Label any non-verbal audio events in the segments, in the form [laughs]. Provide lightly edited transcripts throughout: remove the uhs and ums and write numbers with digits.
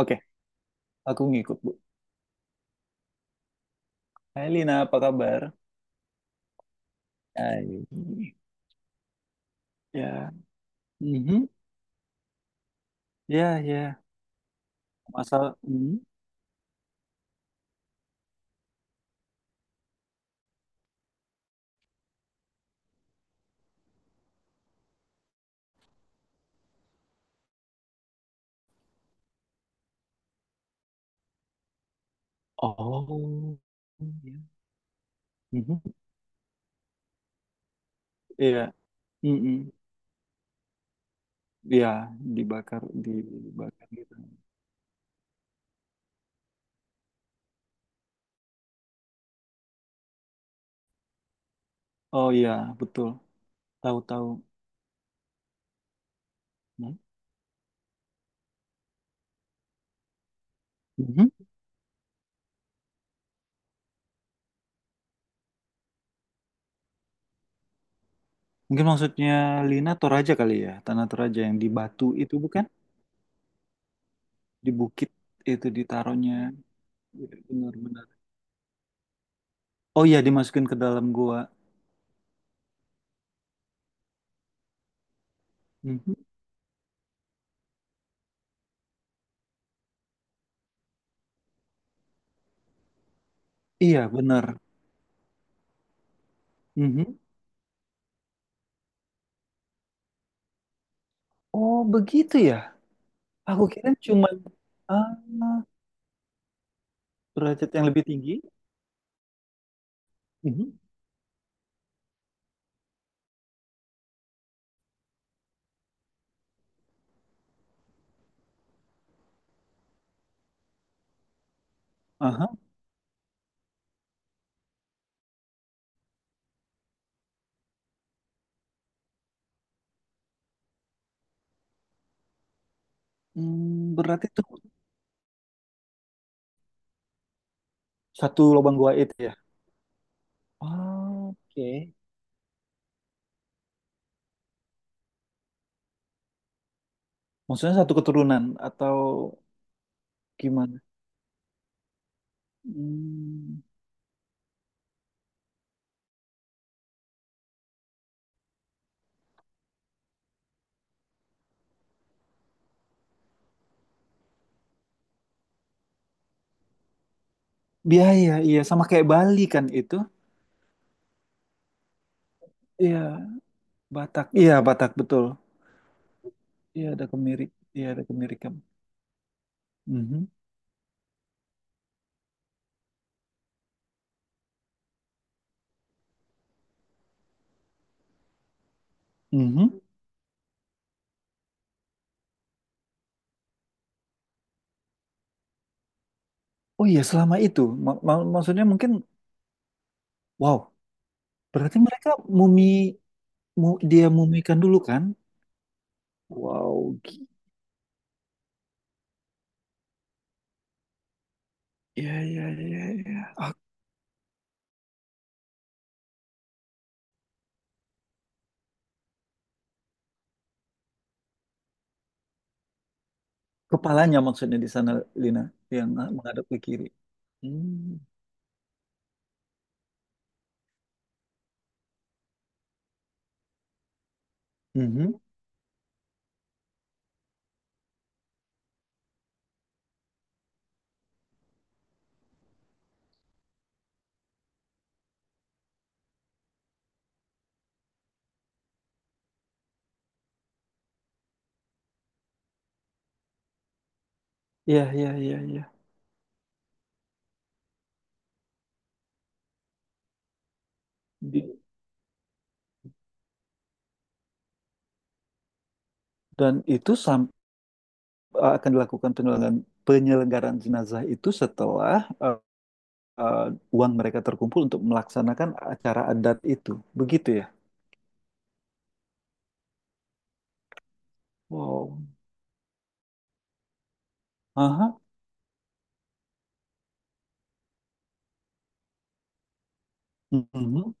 Oke, aku ngikut, Bu. Hai Lina, apa kabar? Hai. Ya, mhm, ya, ya. Masalah, mhm. Oh, ya. Mhm. Iya, mhm. Iya, dibakar, dibakar gitu. Oh iya, betul. Tahu-tahu. Hmm. Mhm. Mungkin maksudnya Lina Toraja kali ya, Tanah Toraja yang di batu itu bukan? Di bukit itu ditaruhnya. Iya, benar-benar. Oh iya, dimasukin ke dalam gua. Mhm. Iya, benar. Mhm. Oh begitu ya. Aku kira cuma ah, derajat yang lebih tinggi. Mhm. Aha. Hmm, berarti itu satu lubang gua itu ya. Ah, oke. Maksudnya satu keturunan atau gimana? Hmm, biaya, iya sama kayak Bali kan itu. Iya, Batak. Iya, Batak betul. Iya, ada kemiri. Iya, ada kemirikan. Mhm. Mhm. Oh iya, selama itu. Maksudnya mungkin wow, berarti mereka mumi dia mumikan dulu kan? Wow, iya, iya, iya, iya. Kepalanya maksudnya di sana, Lina, yang menghadap ke kiri. Hmm. Mhm. Iya, iya, iya, iya. Di- Dan itu akan dilakukan penyelenggaraan, penyelenggaraan jenazah itu setelah eh, eh, uang mereka terkumpul untuk melaksanakan acara adat itu. Begitu ya? Wow. Aha. Mhm.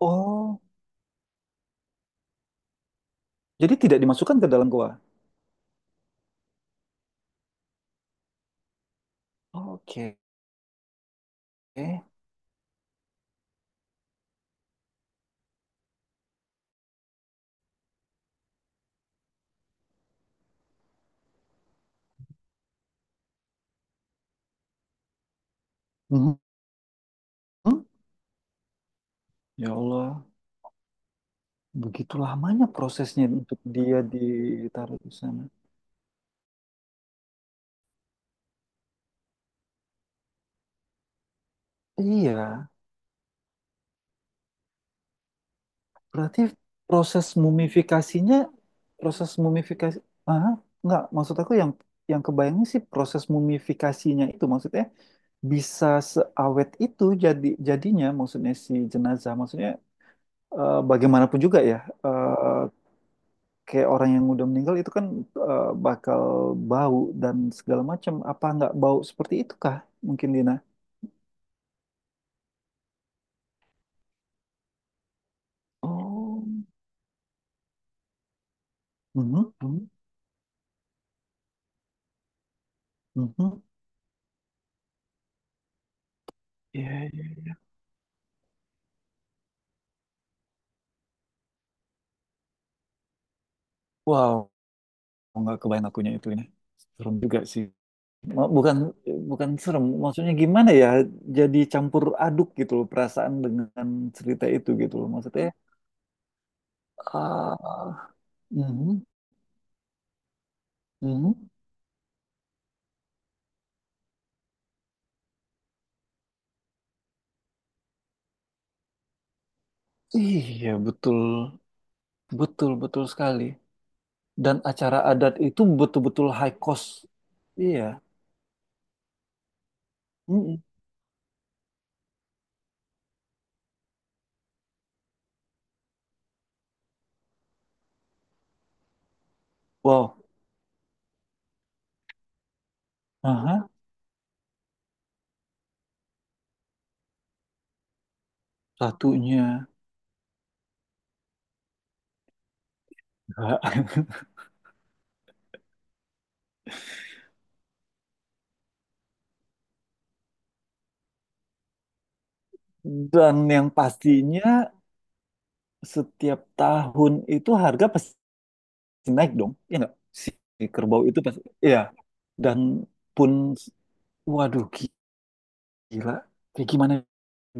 Oh, jadi tidak dimasukkan ke dalam goa? Oke. Mhm. Ya Allah. Begitu lamanya prosesnya untuk dia ditaruh di sana. Iya, berarti proses mumifikasinya, proses mumifikasi, ah, nggak maksud aku yang kebayangnya sih proses mumifikasinya itu maksudnya bisa seawet itu jadi jadinya maksudnya si jenazah maksudnya bagaimanapun juga ya eh, kayak orang yang udah meninggal itu kan bakal bau dan segala macam apa nggak bau seperti itu kah mungkin Dina? Oh. Mhm, mhm, mhm. Iya, iya. Wow, nggak kebayang akunya itu ini. Serem juga sih. Bukan bukan serem, maksudnya gimana ya? Jadi campur aduk gitu loh perasaan dengan cerita itu gitu loh. Maksudnya, ah, mhm, mhm. Iya, betul. Betul, betul sekali. Dan acara adat itu betul-betul high cost. Iya. Mhm. Wow. Aha, satunya. [laughs] Dan yang pastinya setiap tahun itu harga pasti naik dong. Ya nggak? Si si kerbau itu pasti. Ya. Dan pun, waduh gila. Kayak gimana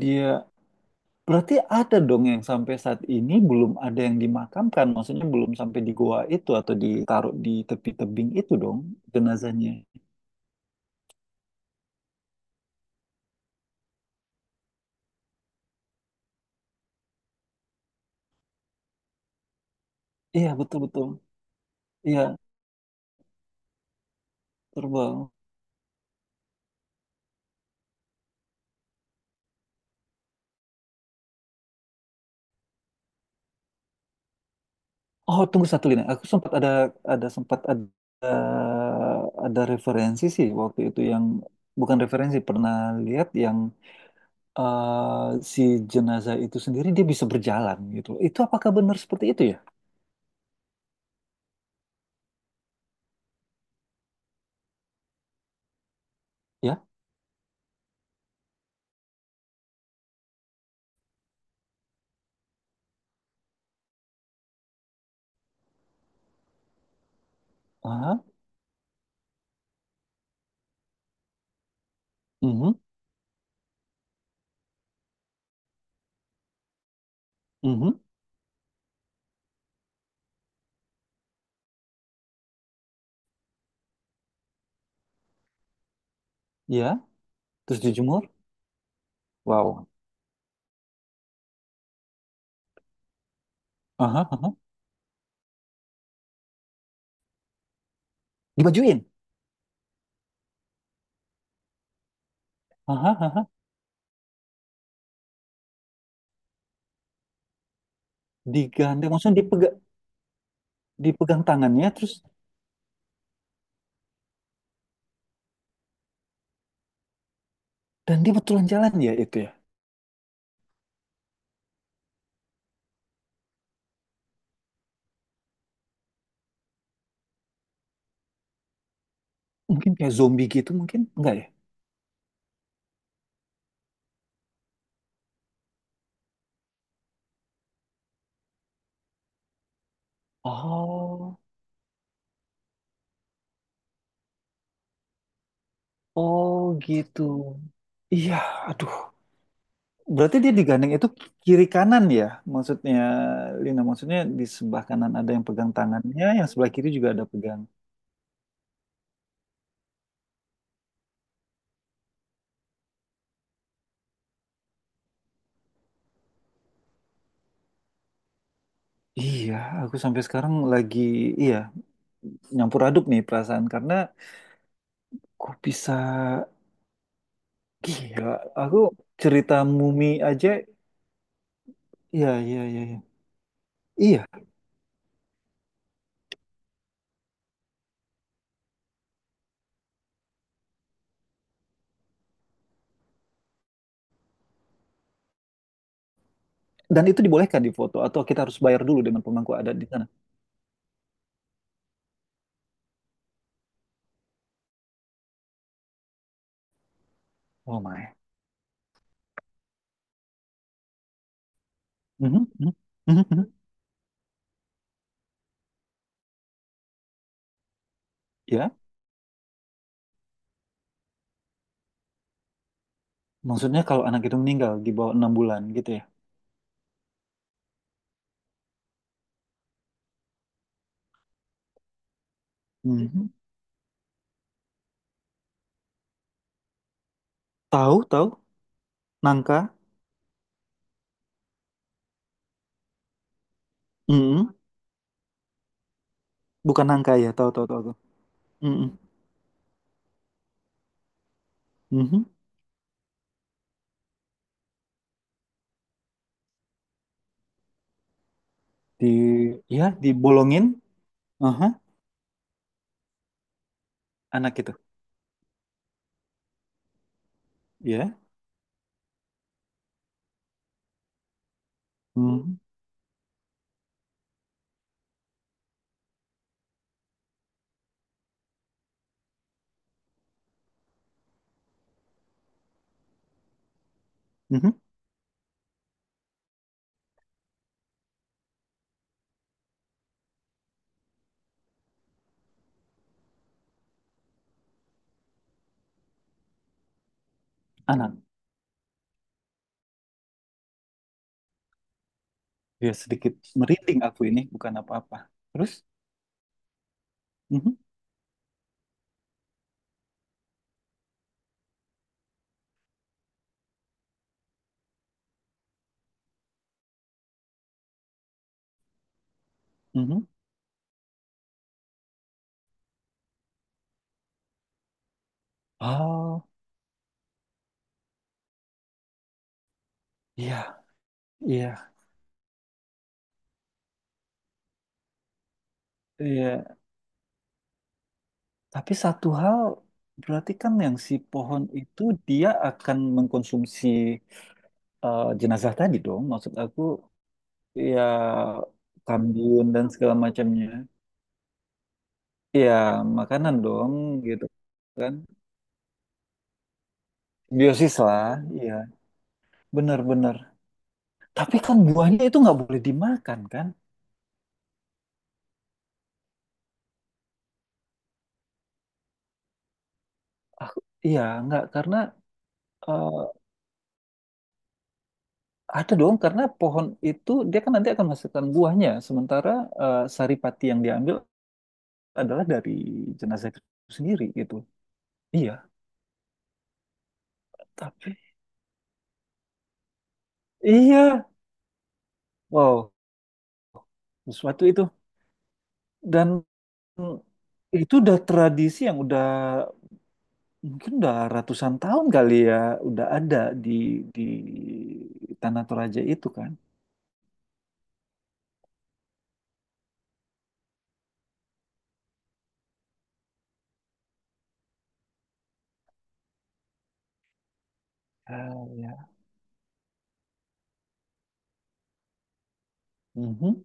dia. Berarti ada dong yang sampai saat ini belum ada yang dimakamkan. Maksudnya belum sampai di goa itu atau ditaruh di tepi tebing itu dong jenazahnya. Iya betul-betul. Iya terbang. Oh, tunggu satu lini. Aku sempat ada ada sempat ada ada referensi sih waktu itu yang bukan referensi pernah lihat yang eh, si jenazah itu sendiri dia bisa berjalan gitu. Itu apakah benar seperti itu ya? Ya. Aha. Mhm. Mhm. Ya. Terus dijemur. Wow. Aha. Aha. Dibajuin. Aha. Aha. Digandeng. Maksudnya dipegang dipegang tangannya terus dan dia betulan jalan ya itu ya. Mungkin kayak zombie gitu mungkin enggak ya? Oh. Oh gitu. Iya, aduh. Berarti dia digandeng itu kiri kanan ya? Maksudnya, Lina, maksudnya di sebelah kanan ada yang pegang tangannya, yang sebelah kiri juga ada pegang. Iya, aku sampai sekarang lagi, iya, nyampur aduk nih perasaan. Karena kok bisa, gila, aku cerita mumi aja, iya, iya, iya, iya. Iya, dan itu dibolehkan di foto, atau kita harus bayar dulu dengan pemangku adat di sana. Oh my. Mhm, mhm, mhm, mhm. Ya. Maksudnya kalau anak itu meninggal di bawah enam bulan gitu ya? Mhm. Tahu, tahu. Nangka. Mhm. Bukan nangka ya, tahu, tahu, tahu, tahu. Mhm. Mhm. Di, ya, dibolongin. Aha. Anak itu. Ya. Mhm. Mhm. Anak. Ya, sedikit merinding aku ini, bukan apa-apa. Terus? Mhm. Mhm. Oh, iya, iya, iya. Tapi satu hal, berarti kan yang si pohon itu, dia akan mengkonsumsi jenazah tadi dong. Maksud aku, ya Kambiun dan segala macamnya. Iya, makanan dong gitu kan. Biosis lah, iya. Benar-benar. Tapi kan buahnya itu nggak boleh dimakan kan? Aku, iya, nggak karena eh, ada dong karena pohon itu dia kan nanti akan menghasilkan buahnya. Sementara saripati yang diambil adalah dari jenazah itu sendiri gitu. Iya, tapi iya, wow, sesuatu itu dan itu udah tradisi yang udah mungkin udah ratusan tahun kali ya udah ada di di Tanah Toraja itu kan. Ah, ya, mhm,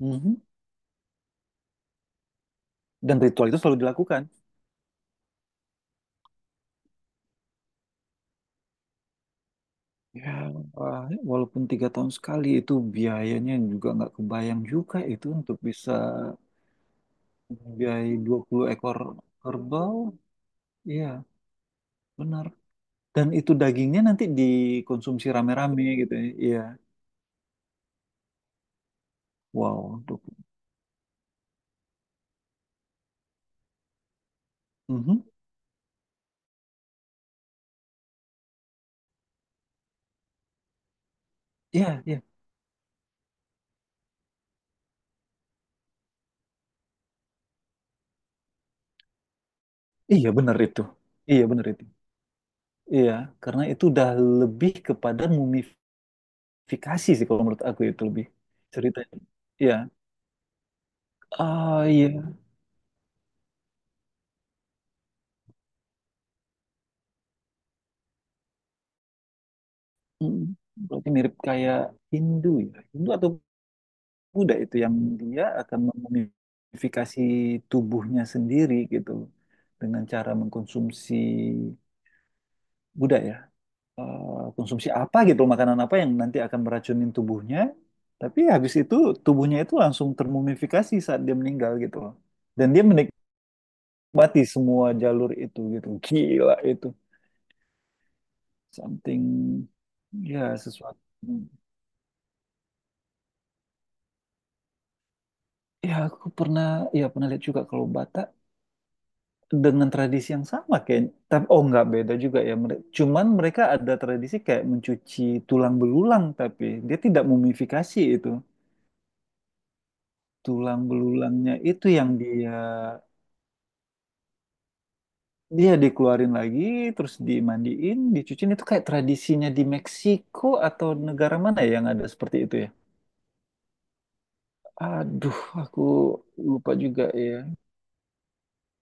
mhm. Dan ritual itu selalu dilakukan. Ya, wah, walaupun tiga tahun sekali itu biayanya juga nggak kebayang juga itu untuk bisa biaya dua puluh ekor kerbau. Iya, benar. Dan itu dagingnya nanti dikonsumsi rame-rame gitu ya. Iya. Wow. 20. Mhm. Iya, iya. Iya benar itu. Iya benar itu. Iya, karena itu udah lebih kepada mumifikasi sih kalau menurut aku itu lebih ceritanya. Iya. Ah iya. Mm. Berarti mirip kayak Hindu ya. Hindu atau Buddha itu yang dia akan memumifikasi tubuhnya sendiri gitu dengan cara mengkonsumsi Buddha ya. Konsumsi apa gitu makanan apa yang nanti akan meracunin tubuhnya tapi habis itu tubuhnya itu langsung termumifikasi saat dia meninggal gitu loh. Dan dia menik bati semua jalur itu gitu gila itu something ya sesuatu ya aku pernah ya pernah lihat juga kalau Batak dengan tradisi yang sama kayak tapi oh nggak beda juga ya cuman mereka ada tradisi kayak mencuci tulang belulang tapi dia tidak mumifikasi itu tulang belulangnya itu yang dia dia dikeluarin lagi terus dimandiin dicuciin itu kayak tradisinya di Meksiko atau negara mana ya yang ada seperti itu ya. Aduh, aku lupa juga ya.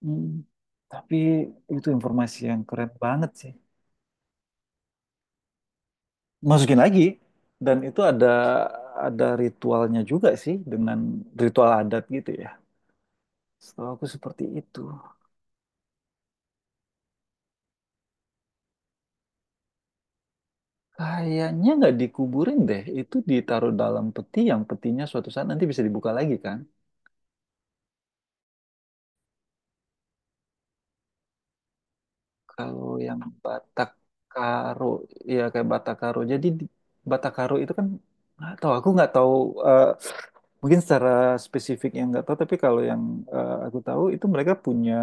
Hmm, tapi itu informasi yang keren banget sih. Masukin lagi, dan itu ada ritualnya juga sih dengan ritual adat gitu ya. Setahu aku seperti itu. Kayaknya nggak dikuburin deh, itu ditaruh dalam peti yang petinya suatu saat nanti bisa dibuka lagi kan? Kalau yang Batak Karo, ya kayak Batak Karo. Batak Karo itu kan nggak tahu, aku nggak tahu eh, mungkin secara spesifik yang nggak tahu, tapi kalau yang aku tahu itu mereka punya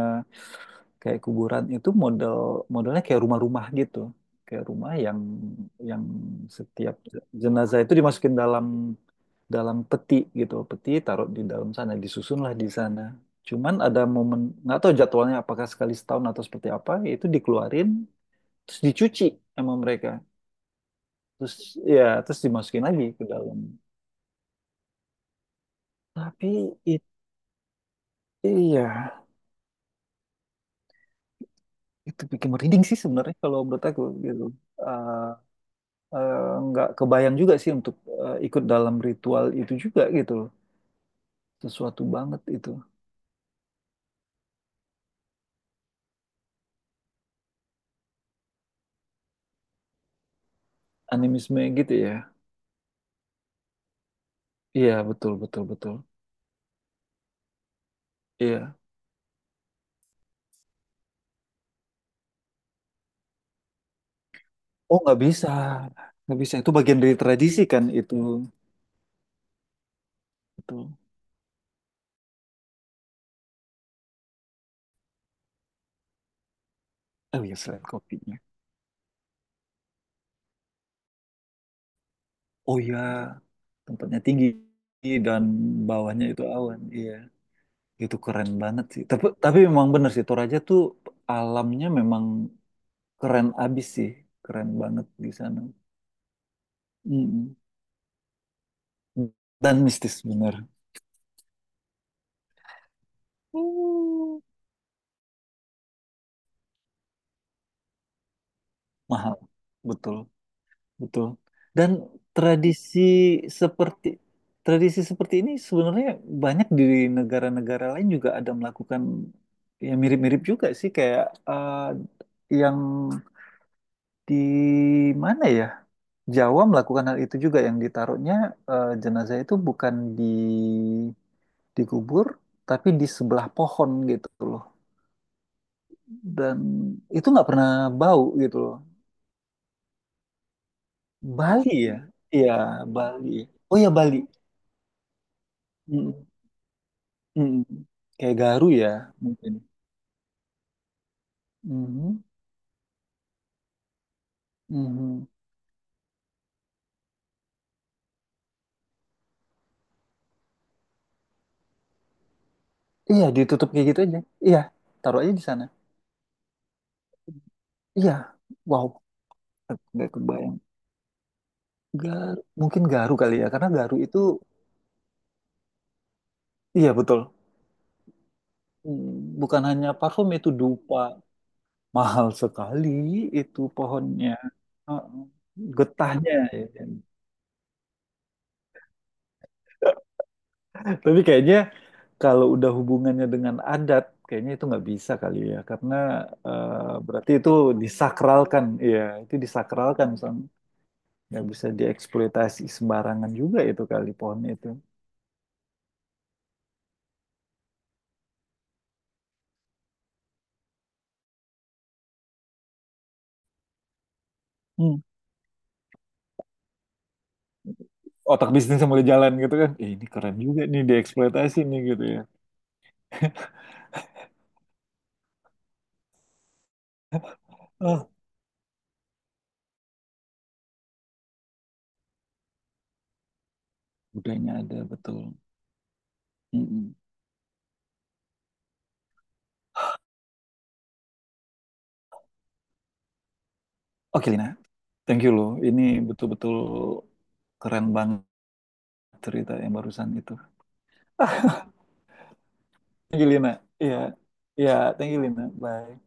kayak kuburan itu model modelnya kayak rumah-rumah gitu kayak rumah yang setiap jenazah itu dimasukin dalam dalam peti gitu peti taruh di dalam sana disusunlah di sana cuman ada momen nggak tahu jadwalnya apakah sekali setahun atau seperti apa itu dikeluarin terus dicuci sama mereka terus ya terus dimasukin lagi ke dalam tapi itu ya itu bikin merinding sih sebenarnya kalau menurut aku gitu. Ah, eh, nggak kebayang juga sih untuk ikut dalam ritual itu juga gitu loh. Sesuatu banget itu. Animisme gitu ya. Iya, betul, betul, betul. Iya. Oh, nggak bisa. Nggak bisa. Itu bagian dari tradisi kan itu. Itu. Oh iya, selain kopinya. Oh iya, tempatnya tinggi dan bawahnya itu awan. Iya. Itu keren banget sih. Tapi memang bener sih, Toraja tuh alamnya memang keren abis sih. Keren banget di sana. Mm-mm. Dan mistis bener. Hmm. Mahal betul betul dan tradisi seperti tradisi seperti ini sebenarnya banyak di negara-negara lain juga ada melakukan ya mirip-mirip juga sih kayak eh, yang di mana ya Jawa melakukan hal itu juga yang ditaruhnya jenazah itu bukan di dikubur tapi di sebelah pohon gitu loh dan itu nggak pernah bau gitu loh. Bali ya? Iya, Bali. Oh ya Bali. Mm, mm. Kayak Garu ya mungkin. Mhm, mhm. Iya, ditutup kayak gitu aja. Iya, taruh aja di sana. Iya. Wow, nggak kebayang. Garu, mungkin Garu kali ya, karena Garu itu iya betul. Mm, bukan hanya parfum itu dupa. Mahal sekali itu pohonnya. Heeh. Getahnya ya, kan. Tapi kayaknya kalau udah hubungannya dengan adat, kayaknya itu nggak bisa kali ya, karena eh, berarti itu disakralkan, iya, itu disakralkan, Sam. Nggak bisa dieksploitasi sembarangan juga itu kali pohon itu. Hmm. Otak bisnis yang mulai jalan gitu kan, eh, ini keren juga nih dieksploitasi nih gitu ya. Oh, budayanya ada betul. Mm-mm. Oke Lina, thank you loh. Ini betul-betul keren banget cerita yang barusan itu. Ah, thank you Lina. Iya, iya, thank you Lina. Bye.